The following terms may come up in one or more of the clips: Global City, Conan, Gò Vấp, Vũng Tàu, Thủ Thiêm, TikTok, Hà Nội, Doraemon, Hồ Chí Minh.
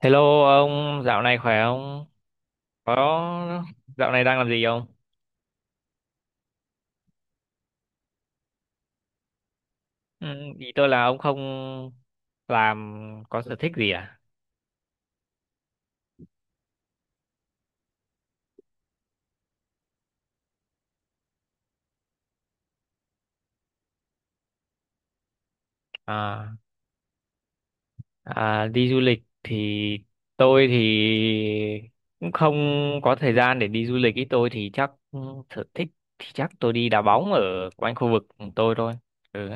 Hello ông, dạo này khỏe không? Có dạo này đang làm gì không? Ừ, ý tôi là ông không làm có sở thích gì à? À, à đi du lịch thì tôi cũng không có thời gian để đi du lịch. Ý tôi thì chắc sở thích thì chắc tôi đi đá bóng ở quanh khu vực của tôi thôi. Ừ.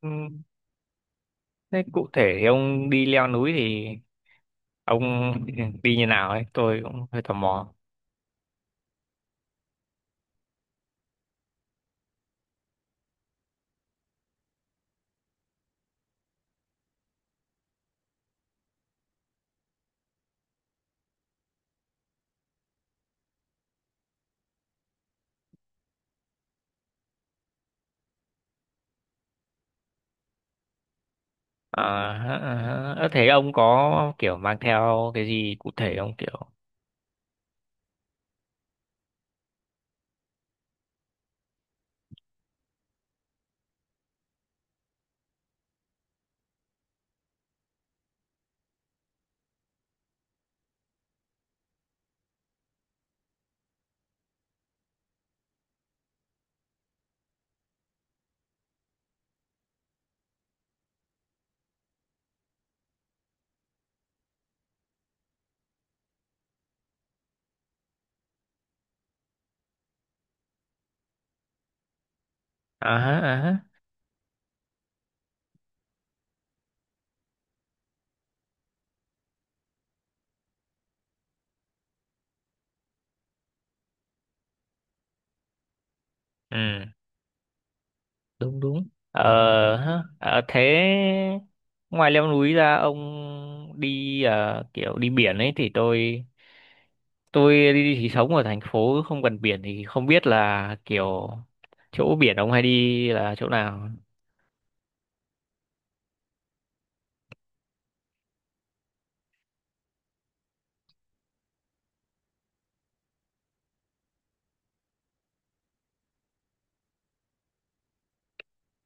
Ừ, thế cụ thể thì ông đi leo núi thì ông đi như nào ấy? Tôi cũng hơi tò mò. À, hả, à, hả. Ơ, thế ông có kiểu mang theo cái gì cụ thể không kiểu à hả, à hả. Ừ đúng đúng ờ Hả. Ờ, thế ngoài leo núi ra ông đi kiểu đi biển ấy thì tôi đi thì sống ở thành phố không gần biển thì không biết là kiểu chỗ biển ông hay đi là chỗ nào.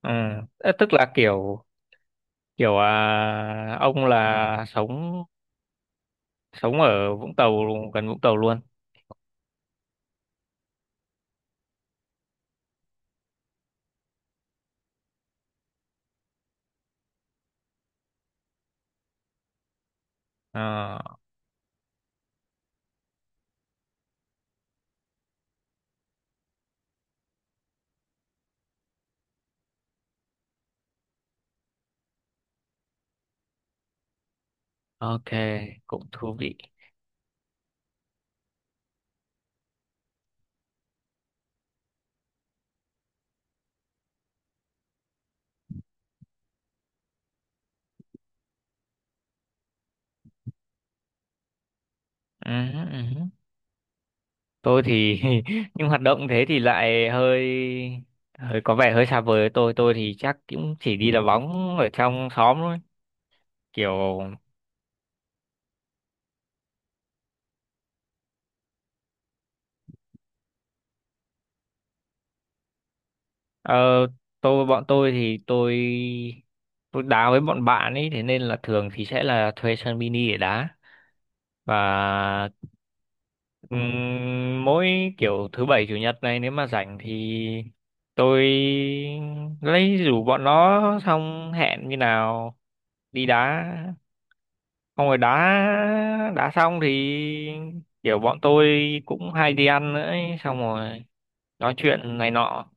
Ừ. Ờ, tức là kiểu kiểu à, ông là sống sống ở Vũng Tàu gần Vũng Tàu luôn. Ờ, ok, cũng thú vị. Ừ, ừ. Tôi thì nhưng hoạt động thế thì lại hơi hơi có vẻ hơi xa vời với tôi. Tôi thì chắc cũng chỉ đi đá bóng ở trong xóm thôi. Kiểu ờ, tôi bọn tôi thì tôi đá với bọn bạn ấy thế nên là thường thì sẽ là thuê sân mini để đá và ừm, mỗi kiểu thứ bảy chủ nhật này nếu mà rảnh thì tôi lấy rủ bọn nó xong hẹn như nào đi đá không rồi đá đá xong thì kiểu bọn tôi cũng hay đi ăn nữa ấy, xong rồi nói chuyện này nọ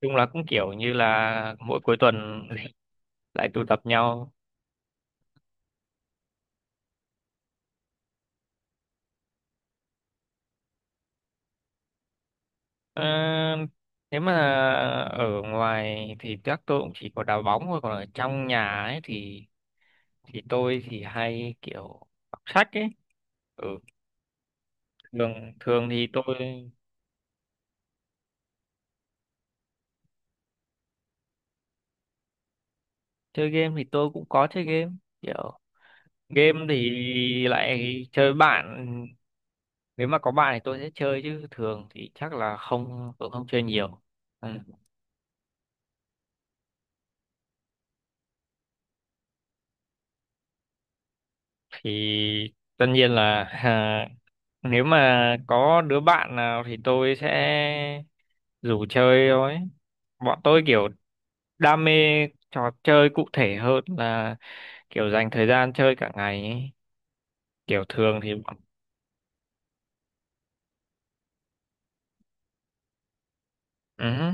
chung là cũng kiểu như là mỗi cuối tuần lại tụ tập nhau. Ờ, nếu mà ở ngoài thì chắc tôi cũng chỉ có đá bóng thôi còn ở trong nhà ấy thì tôi hay kiểu đọc sách ấy, ừ thường thường thì tôi chơi game thì tôi cũng có chơi game kiểu game thì lại chơi bạn nếu mà có bạn thì tôi sẽ chơi chứ thường thì chắc là không tôi không chơi nhiều. Ừ. Thì tất nhiên là à, nếu mà có đứa bạn nào thì tôi sẽ rủ chơi thôi bọn tôi kiểu đam mê trò chơi cụ thể hơn là kiểu dành thời gian chơi cả ngày ấy, kiểu thường thì ừ,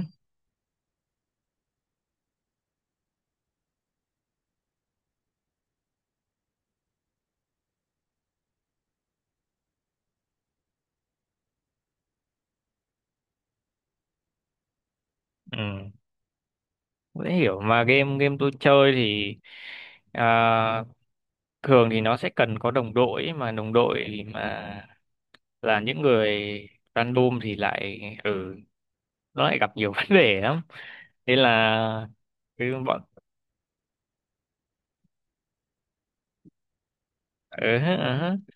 ừ. Dễ hiểu mà game game tôi chơi thì à, thường thì nó sẽ cần có đồng đội ấy, mà đồng đội mà là những người random thì lại ừ nó lại gặp nhiều vấn đề lắm nên là cứ bọn ừ, ừ. Ừ.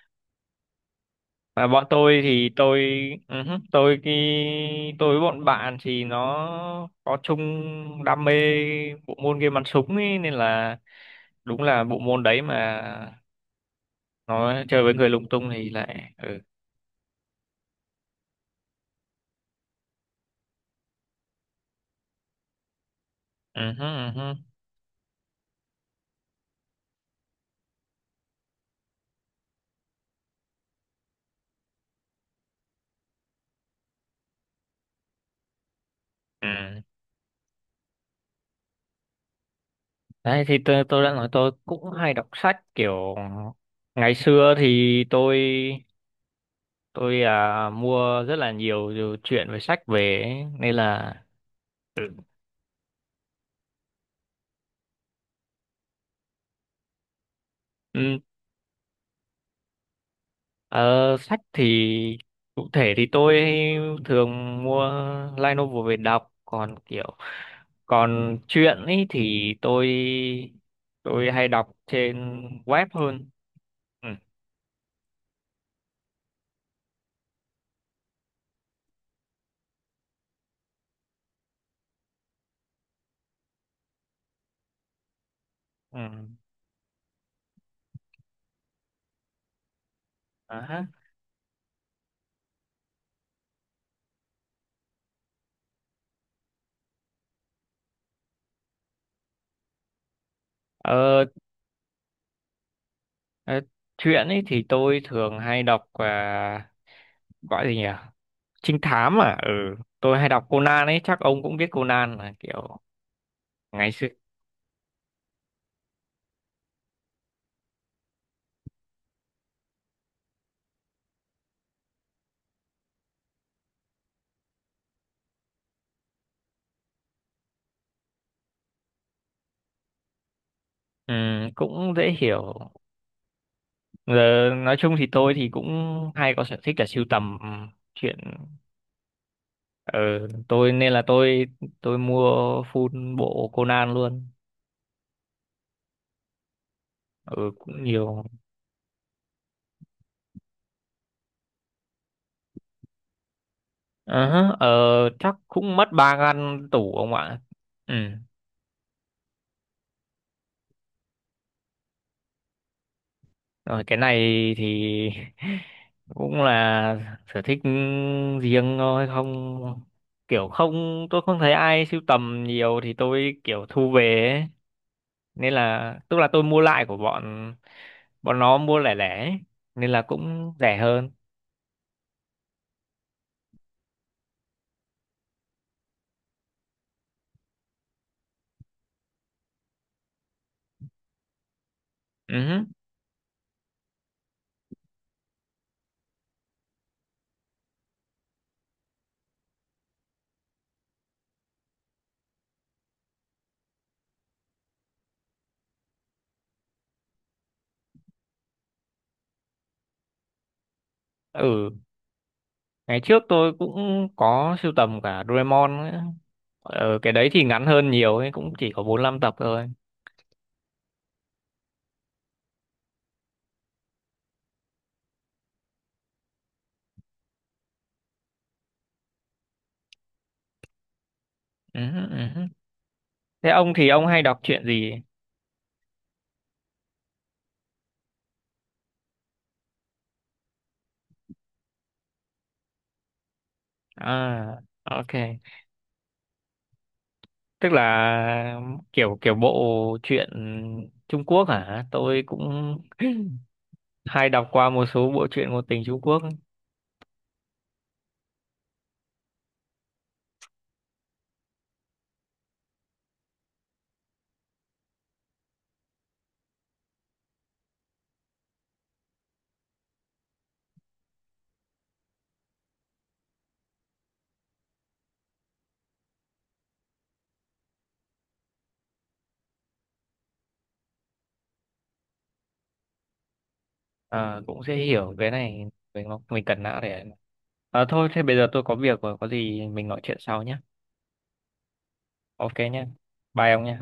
Mà bọn tôi thì tôi ừ, ừ, tôi cái tôi với bọn bạn thì nó có chung đam mê bộ môn game bắn súng ấy nên là đúng là bộ môn đấy mà nó chơi với người lung tung thì lại ừ. Ừ, hứ, ừ, hứ. Ừ. Đấy thì tôi đã nói tôi cũng hay đọc sách kiểu ngày xưa thì tôi à, mua rất là nhiều nhiều chuyện về sách về ấy, nên là ừ, ờ, sách thì cụ thể thì tôi thường mua light novel về đọc còn kiểu còn chuyện ấy thì tôi hay đọc trên web hơn. Ừ. Ừ. À, ha. Ờ, ờ, truyện ấy thì tôi thường hay đọc à, gọi gì nhỉ? Trinh thám à? Ừ, tôi hay đọc Conan ấy, chắc ông cũng biết Conan là kiểu ngày xưa ừ, cũng dễ hiểu. Giờ nói chung thì tôi cũng hay có sở thích là sưu tầm ừ, truyện ừ, nên là tôi mua full bộ Conan luôn. Ừ, cũng nhiều. Ờ, hả, ờ, chắc cũng mất ba ngăn tủ ông ạ. Ừ. Rồi cái này thì cũng là sở thích riêng thôi không kiểu không tôi không thấy ai sưu tầm nhiều thì tôi kiểu thu về ấy. Nên là tức là tôi mua lại của bọn bọn nó mua lẻ lẻ ấy. Nên là cũng rẻ hơn. Ừ. Ừ, ngày trước tôi cũng có sưu tầm cả Doraemon ấy. Ờ, cái đấy thì ngắn hơn nhiều ấy, cũng chỉ có 45 tập thôi. Ừ. Ừ. Thế ông thì ông hay đọc truyện gì? À, ok, tức là kiểu kiểu bộ truyện Trung Quốc hả tôi cũng hay đọc qua một số bộ truyện ngôn tình Trung Quốc. À, cũng sẽ hiểu cái này mình cần não để à, thôi thế bây giờ tôi có việc rồi có gì mình nói chuyện sau nhé. Ok nhé, bye ông nhé.